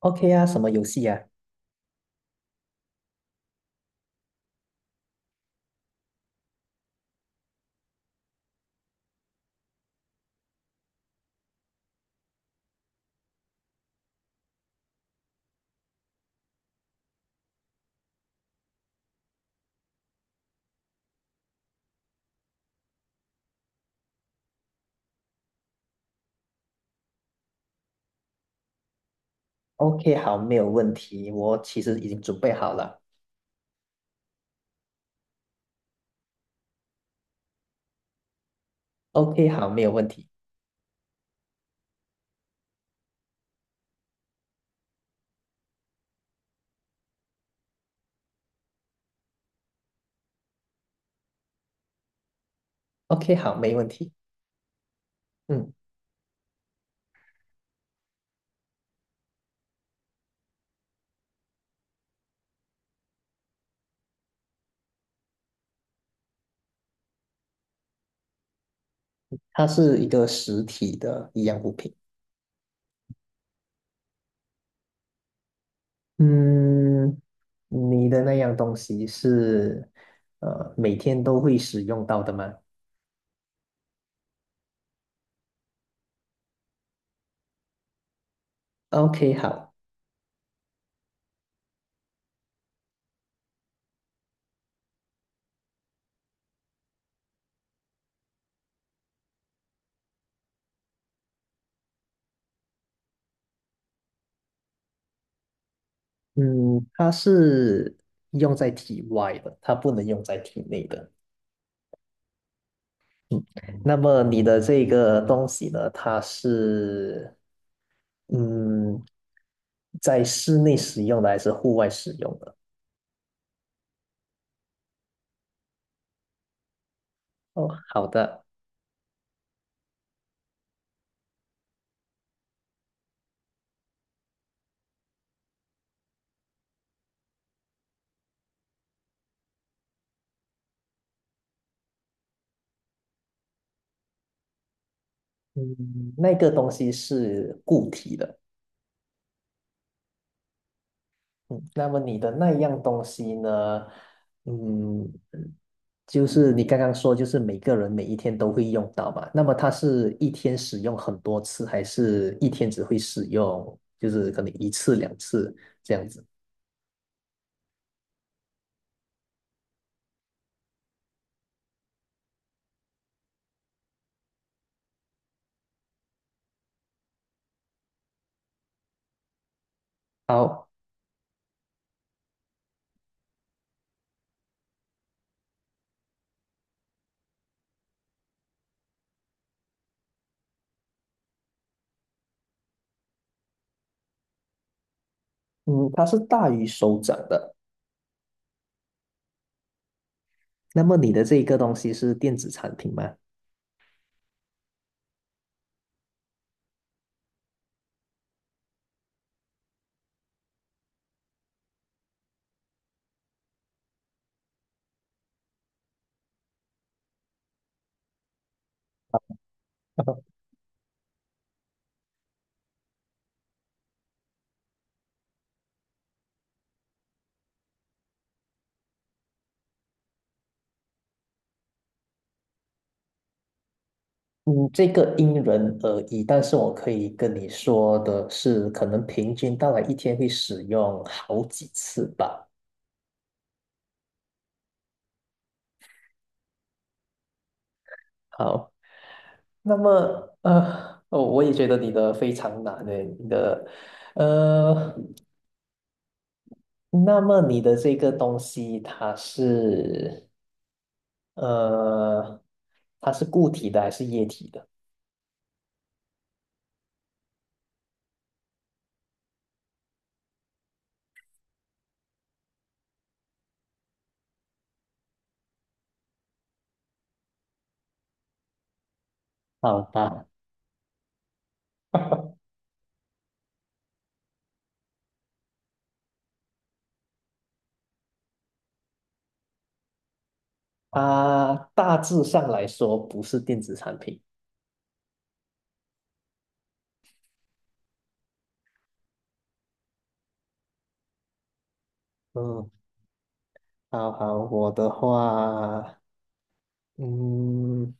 OK 啊，什么游戏啊？OK，好，没有问题。我其实已经准备好了。OK，好，没有问题。OK，好，没问题。嗯，它是一个实体的一样物品。嗯，你的那样东西是每天都会使用到的吗？OK，好。嗯，它是用在体外的，它不能用在体内的。那么你的这个东西呢？它是嗯，在室内使用的还是户外使用的？哦，好的。嗯，那个东西是固体的。嗯，那么你的那样东西呢？嗯，就是你刚刚说，就是每个人每一天都会用到嘛。那么它是一天使用很多次，还是一天只会使用，就是可能一次两次这样子？好，嗯，它是大于手掌的。那么你的这个东西是电子产品吗？嗯，这个因人而异，但是我可以跟你说的是，可能平均大概一天会使用好几次吧。好，那么呃，哦，我也觉得你的非常难诶，你的呃，那么你的这个东西它是呃，它是固体的还是液体的？好吧，它大致上来说不是电子产品。嗯，好好，我的话。嗯，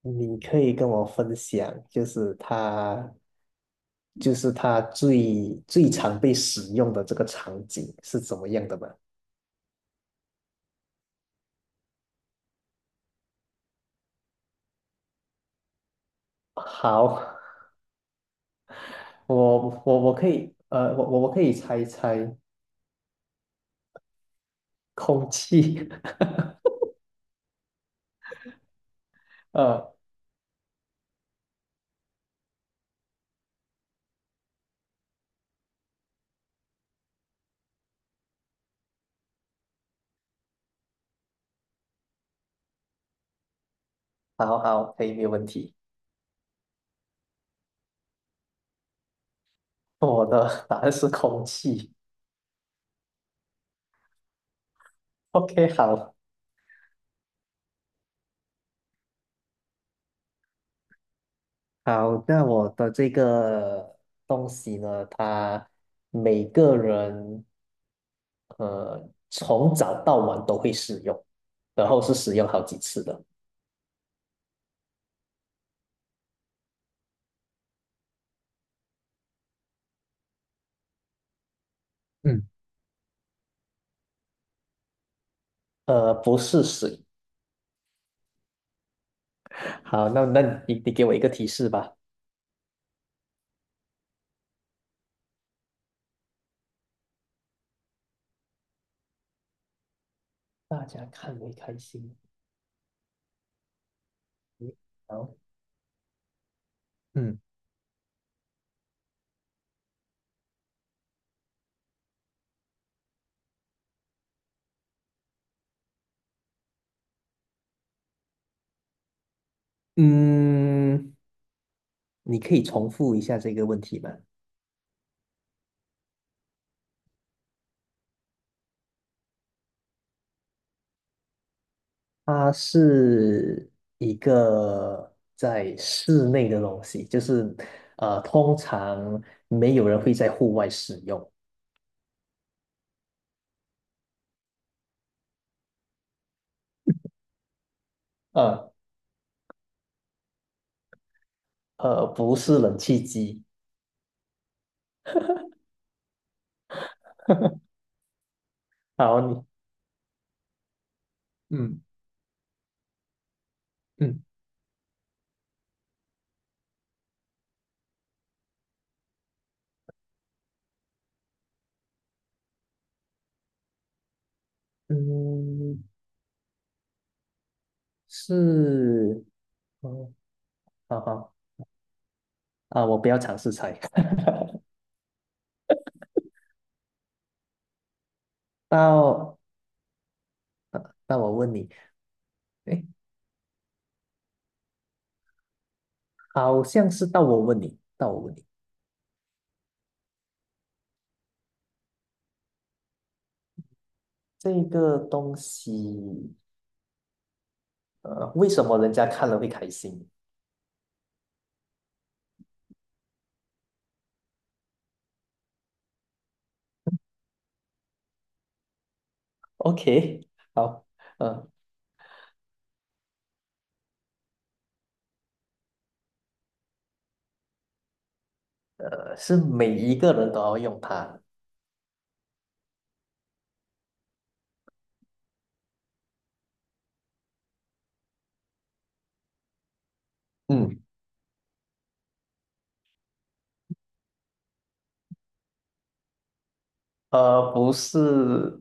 你可以跟我分享，就是它，就是它最最常被使用的这个场景是怎么样的吗？好，我可以，呃，我可以猜一猜空气，呃，好好，可以，没有问题。我的答案是空气。OK，好。好，那我的这个东西呢，它每个人呃从早到晚都会使用，然后是使用好几次的。嗯，呃，不是水。好，那你你给我一个提示吧。大家看会开心。好，嗯，嗯，你可以重复一下这个问题吗？它是一个在室内的东西，就是呃，通常没有人会在户外使用。呃呃，不是冷气机。好，你嗯嗯嗯，是，嗯，好好啊，我不要尝试猜。到那我问你，诶，好像是到我问你，到我问你，这个东西，呃，为什么人家看了会开心？OK，好，呃呃，是每一个人都要用它，嗯，呃，不是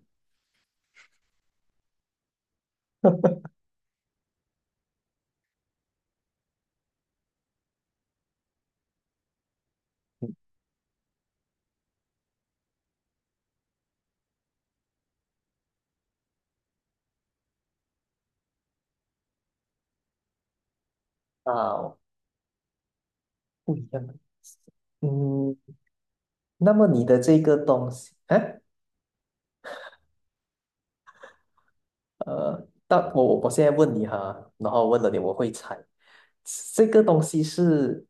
啊，不一样的。嗯，那么你的这个东西，哎，呃，但我现在问你哈，然后问了你，我会猜，这个东西是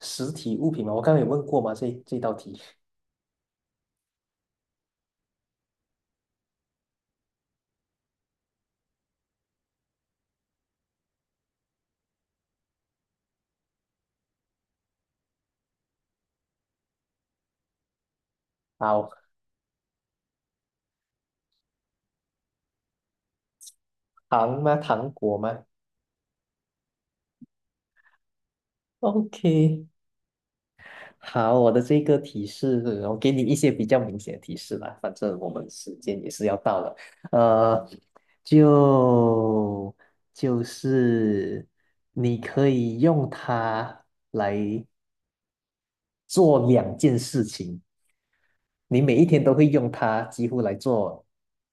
实体物品吗？我刚刚有问过吗？这这道题，好，糖吗？糖果吗？OK，好，我的这个提示，我给你一些比较明显的提示吧，反正我们时间也是要到了，呃，就就是你可以用它来做两件事情，你每一天都会用它，几乎来做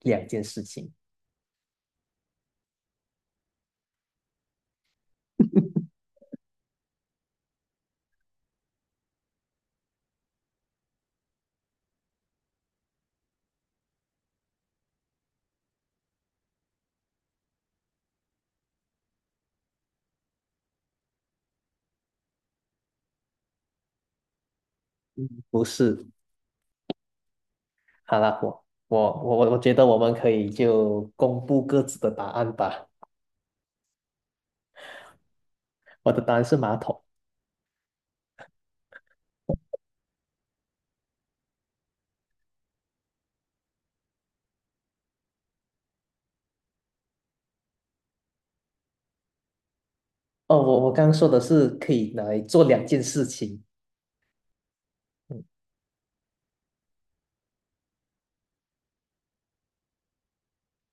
两件事情，不是好啦，我觉得我们可以就公布各自的答案吧，我的答案是马桶。哦，我我刚刚说的是可以拿来做两件事情。嗯，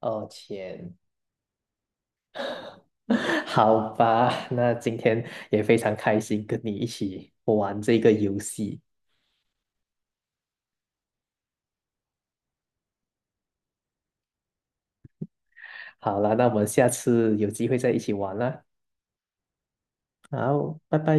哦，钱，好吧，那今天也非常开心跟你一起玩这个游戏。好了，那我们下次有机会再一起玩啦。好，拜拜。